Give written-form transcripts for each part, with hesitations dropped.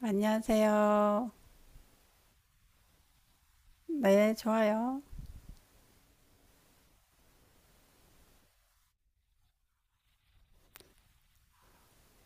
안녕하세요. 네, 좋아요.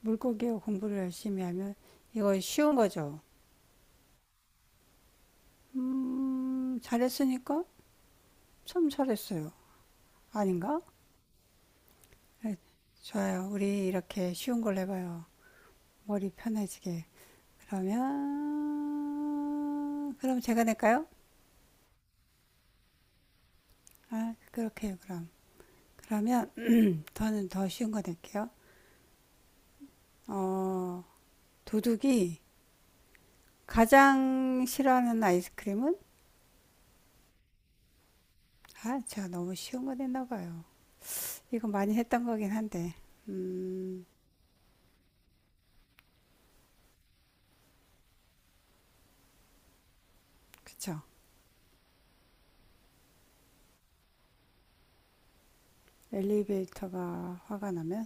물고기 공부를 열심히 하면 이거 쉬운 거죠. 잘했으니까 참 잘했어요. 아닌가? 네, 좋아요. 우리 이렇게 쉬운 걸 해봐요. 머리 편해지게. 그러면 그럼 제가 낼까요? 아, 그렇게요. 그럼 그러면 저는 더 쉬운 거 낼게요. 어, 도둑이 가장 싫어하는 아이스크림은? 아, 제가 너무 쉬운 거 냈나 봐요. 이거 많이 했던 거긴 한데, 음, 그쵸. 엘리베이터가 화가 나면,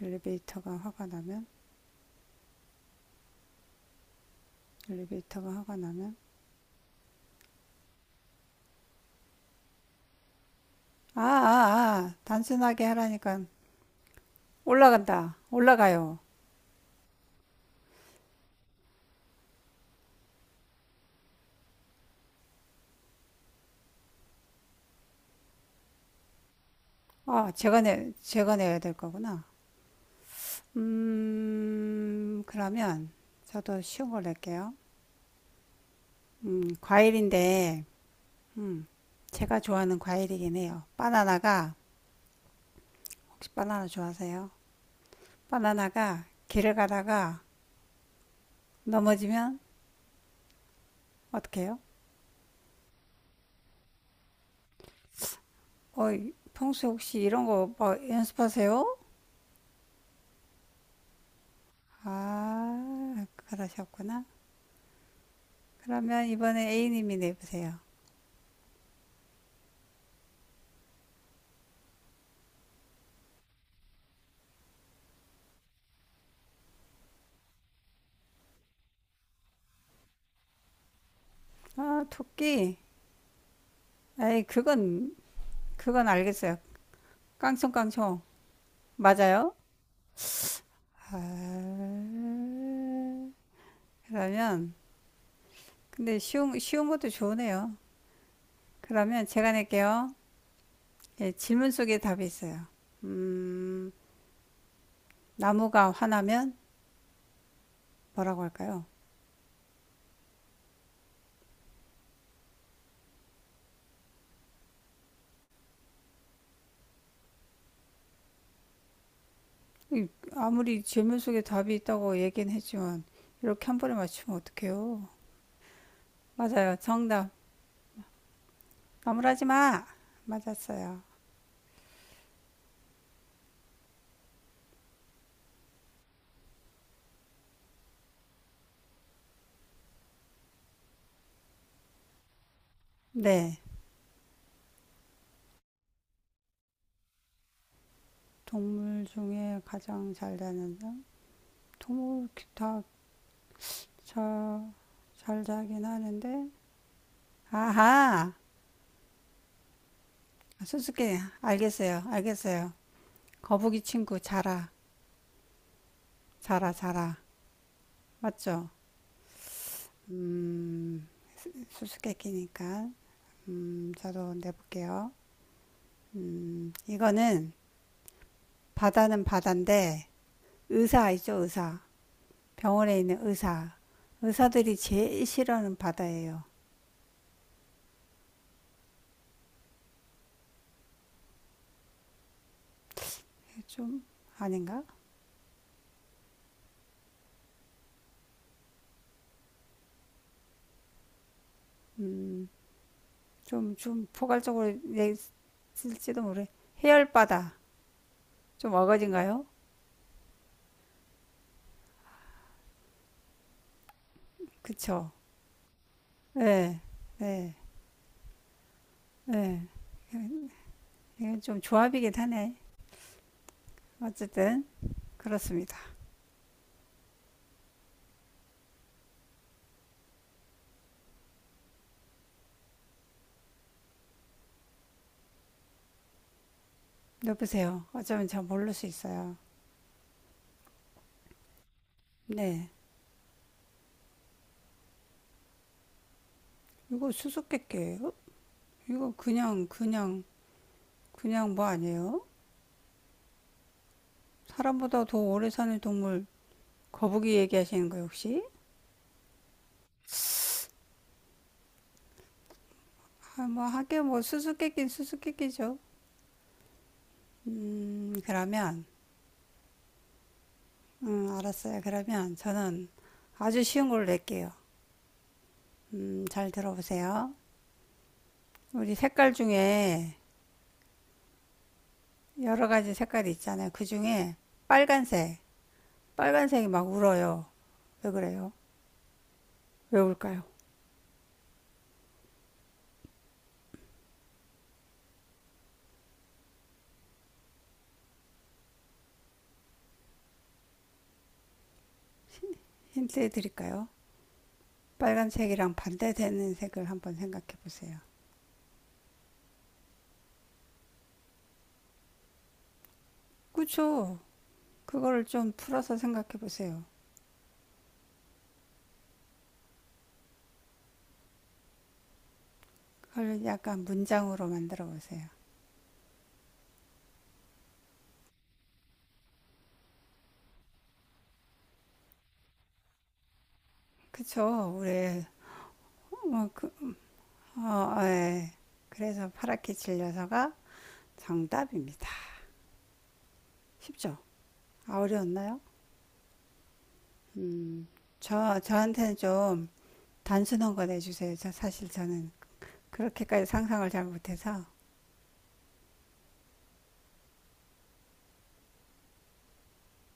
엘리베이터가 화가 나면, 엘리베이터가 화가 나면, 아, 아, 아, 단순하게 하라니까 올라간다, 올라가요. 아, 제가 내야 될 거구나. 그러면 저도 쉬운 걸 낼게요. 과일인데, 음, 제가 좋아하는 과일이긴 해요. 혹시 바나나 좋아하세요? 바나나가 길을 가다가 넘어지면 어떻게요? 어, 평소에 혹시 이런 거 뭐 연습하세요? 아, 그러셨구나. 그러면 이번에 A님이 내보세요. 아, 토끼. 에이, 그건 알겠어요. 깡총깡총. 맞아요? 아, 그러면, 근데 쉬운 것도 좋으네요. 그러면 제가 낼게요. 예, 질문 속에 답이 있어요. 음, 나무가 화나면 뭐라고 할까요? 이- 아무리 질문 속에 답이 있다고 얘기는 했지만 이렇게 한 번에 맞추면 어떡해요? 맞아요. 정답. 나무라지 마. 맞았어요. 네. 동물 중에 가장 잘 자는 사람? 동물 다잘 자긴 하는데 아하 수수께 알겠어요. 알겠어요. 거북이 친구 자라 자라 자라 맞죠? 음 수수께끼니까 저도 내볼게요. 이거는 바다는 바다인데 의사 알죠 의사 병원에 있는 의사들이 제일 싫어하는 바다예요. 좀 아닌가? 음좀좀 포괄적으로 얘기했을지도 모르 해열 바다. 좀 어거진가요? 그쵸. 네 네 네. 이건 좀 조합이긴 하네. 어쨌든 그렇습니다. 여보세요, 어쩌면 잘 모를 수 있어요. 네. 이거 수수께끼예요. 이거 그냥 뭐 아니에요. 사람보다 더 오래 사는 동물. 거북이 얘기하시는 거예요, 혹시? 아, 뭐 하긴 뭐 수수께끼는 수수께끼죠. 그러면 알았어요. 그러면 저는 아주 쉬운 걸로 낼게요. 잘 들어보세요. 우리 색깔 중에 여러 가지 색깔이 있잖아요. 그 중에 빨간색, 빨간색이 막 울어요. 왜 그래요? 왜 울까요? 힌트 드릴까요? 빨간색이랑 반대되는 색을 한번 생각해 보세요. 그쵸? 그거를 좀 풀어서 생각해 보세요. 그걸 약간 문장으로 만들어 보세요. 그쵸? 우리 어, 그, 예. 그래서 파랗게 질려서가 정답입니다. 쉽죠? 아, 어려웠나요? 음, 저한테는 좀 단순한 거 내주세요. 저 사실 저는 그렇게까지 상상을 잘 못해서.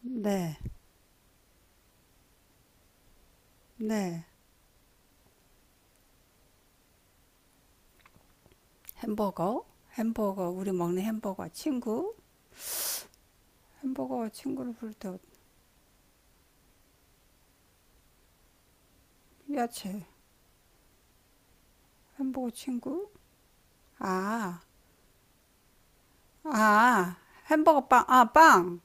네, 네. 햄버거, 햄버거 우리 먹는 햄버거 친구, 햄버거 친구를 부를 때. 야채, 햄버거 친구, 아, 아, 햄버거 빵, 아, 빵,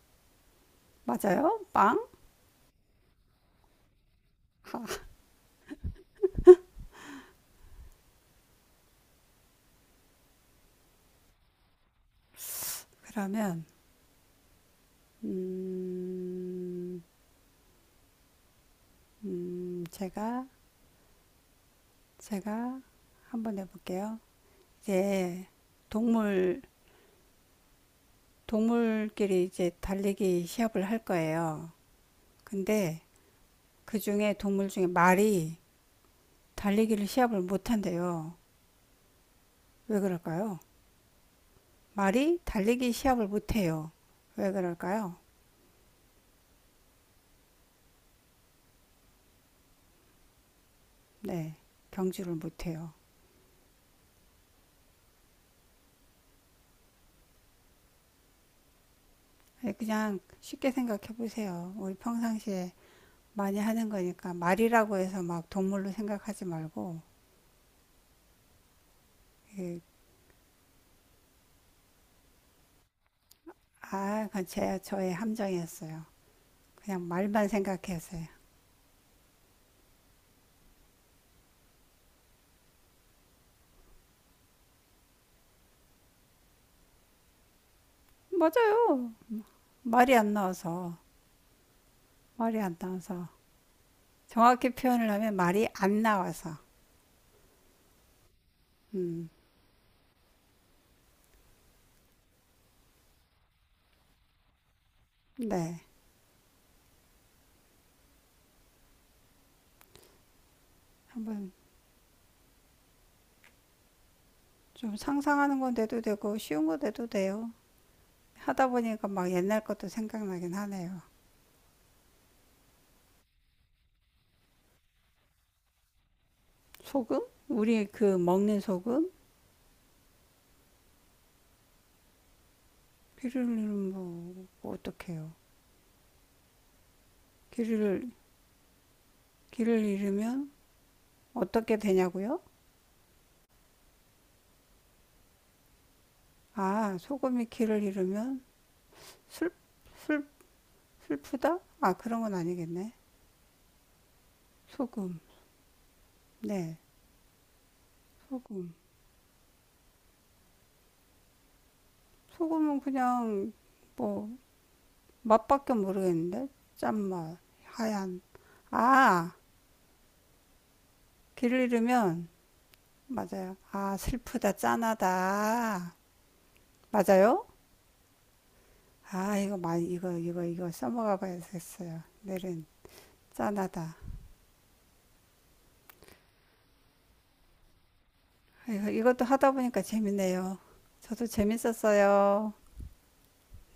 맞아요? 빵? 그러면 음, 음, 제가 제가 한번 해볼게요. 이제 동물 동물끼리 이제 달리기 시합을 할 거예요. 근데 그 중에 동물 중에 말이 달리기를 시합을 못 한대요. 왜 그럴까요? 말이 달리기 시합을 못 해요. 왜 그럴까요? 네, 경주를 못 해요. 그냥 쉽게 생각해 보세요. 우리 평상시에 많이 하는 거니까 말이라고 해서 막 동물로 생각하지 말고. 이게 아, 그건 제 저의 함정이었어요. 그냥 말만 생각했어요. 맞아요. 말이 안 나와서, 말이 안 나와서, 정확히 표현을 하면 말이 안 나와서. 음, 네. 한번 좀 상상하는 건 돼도 되고 쉬운 거 돼도 돼요. 하다 보니까 막 옛날 것도 생각나긴 하네요. 소금? 우리 그 먹는 소금? 길을 잃으면 뭐 어떡해요? 길을 길을 잃으면 어떻게 되냐고요? 아, 소금이 길을 잃으면 슬, 슬, 슬프다? 아, 그런 건 아니겠네. 소금. 네, 소금. 소금은 그냥 뭐 맛밖에 모르겠는데? 짠맛, 하얀. 아, 길을 잃으면. 맞아요. 아, 슬프다, 짠하다. 맞아요? 아, 이거 많이 이거 이거 이거 써먹어 봐야겠어요. 내일은 짠하다. 이것도 하다 보니까 재밌네요. 저도 재밌었어요.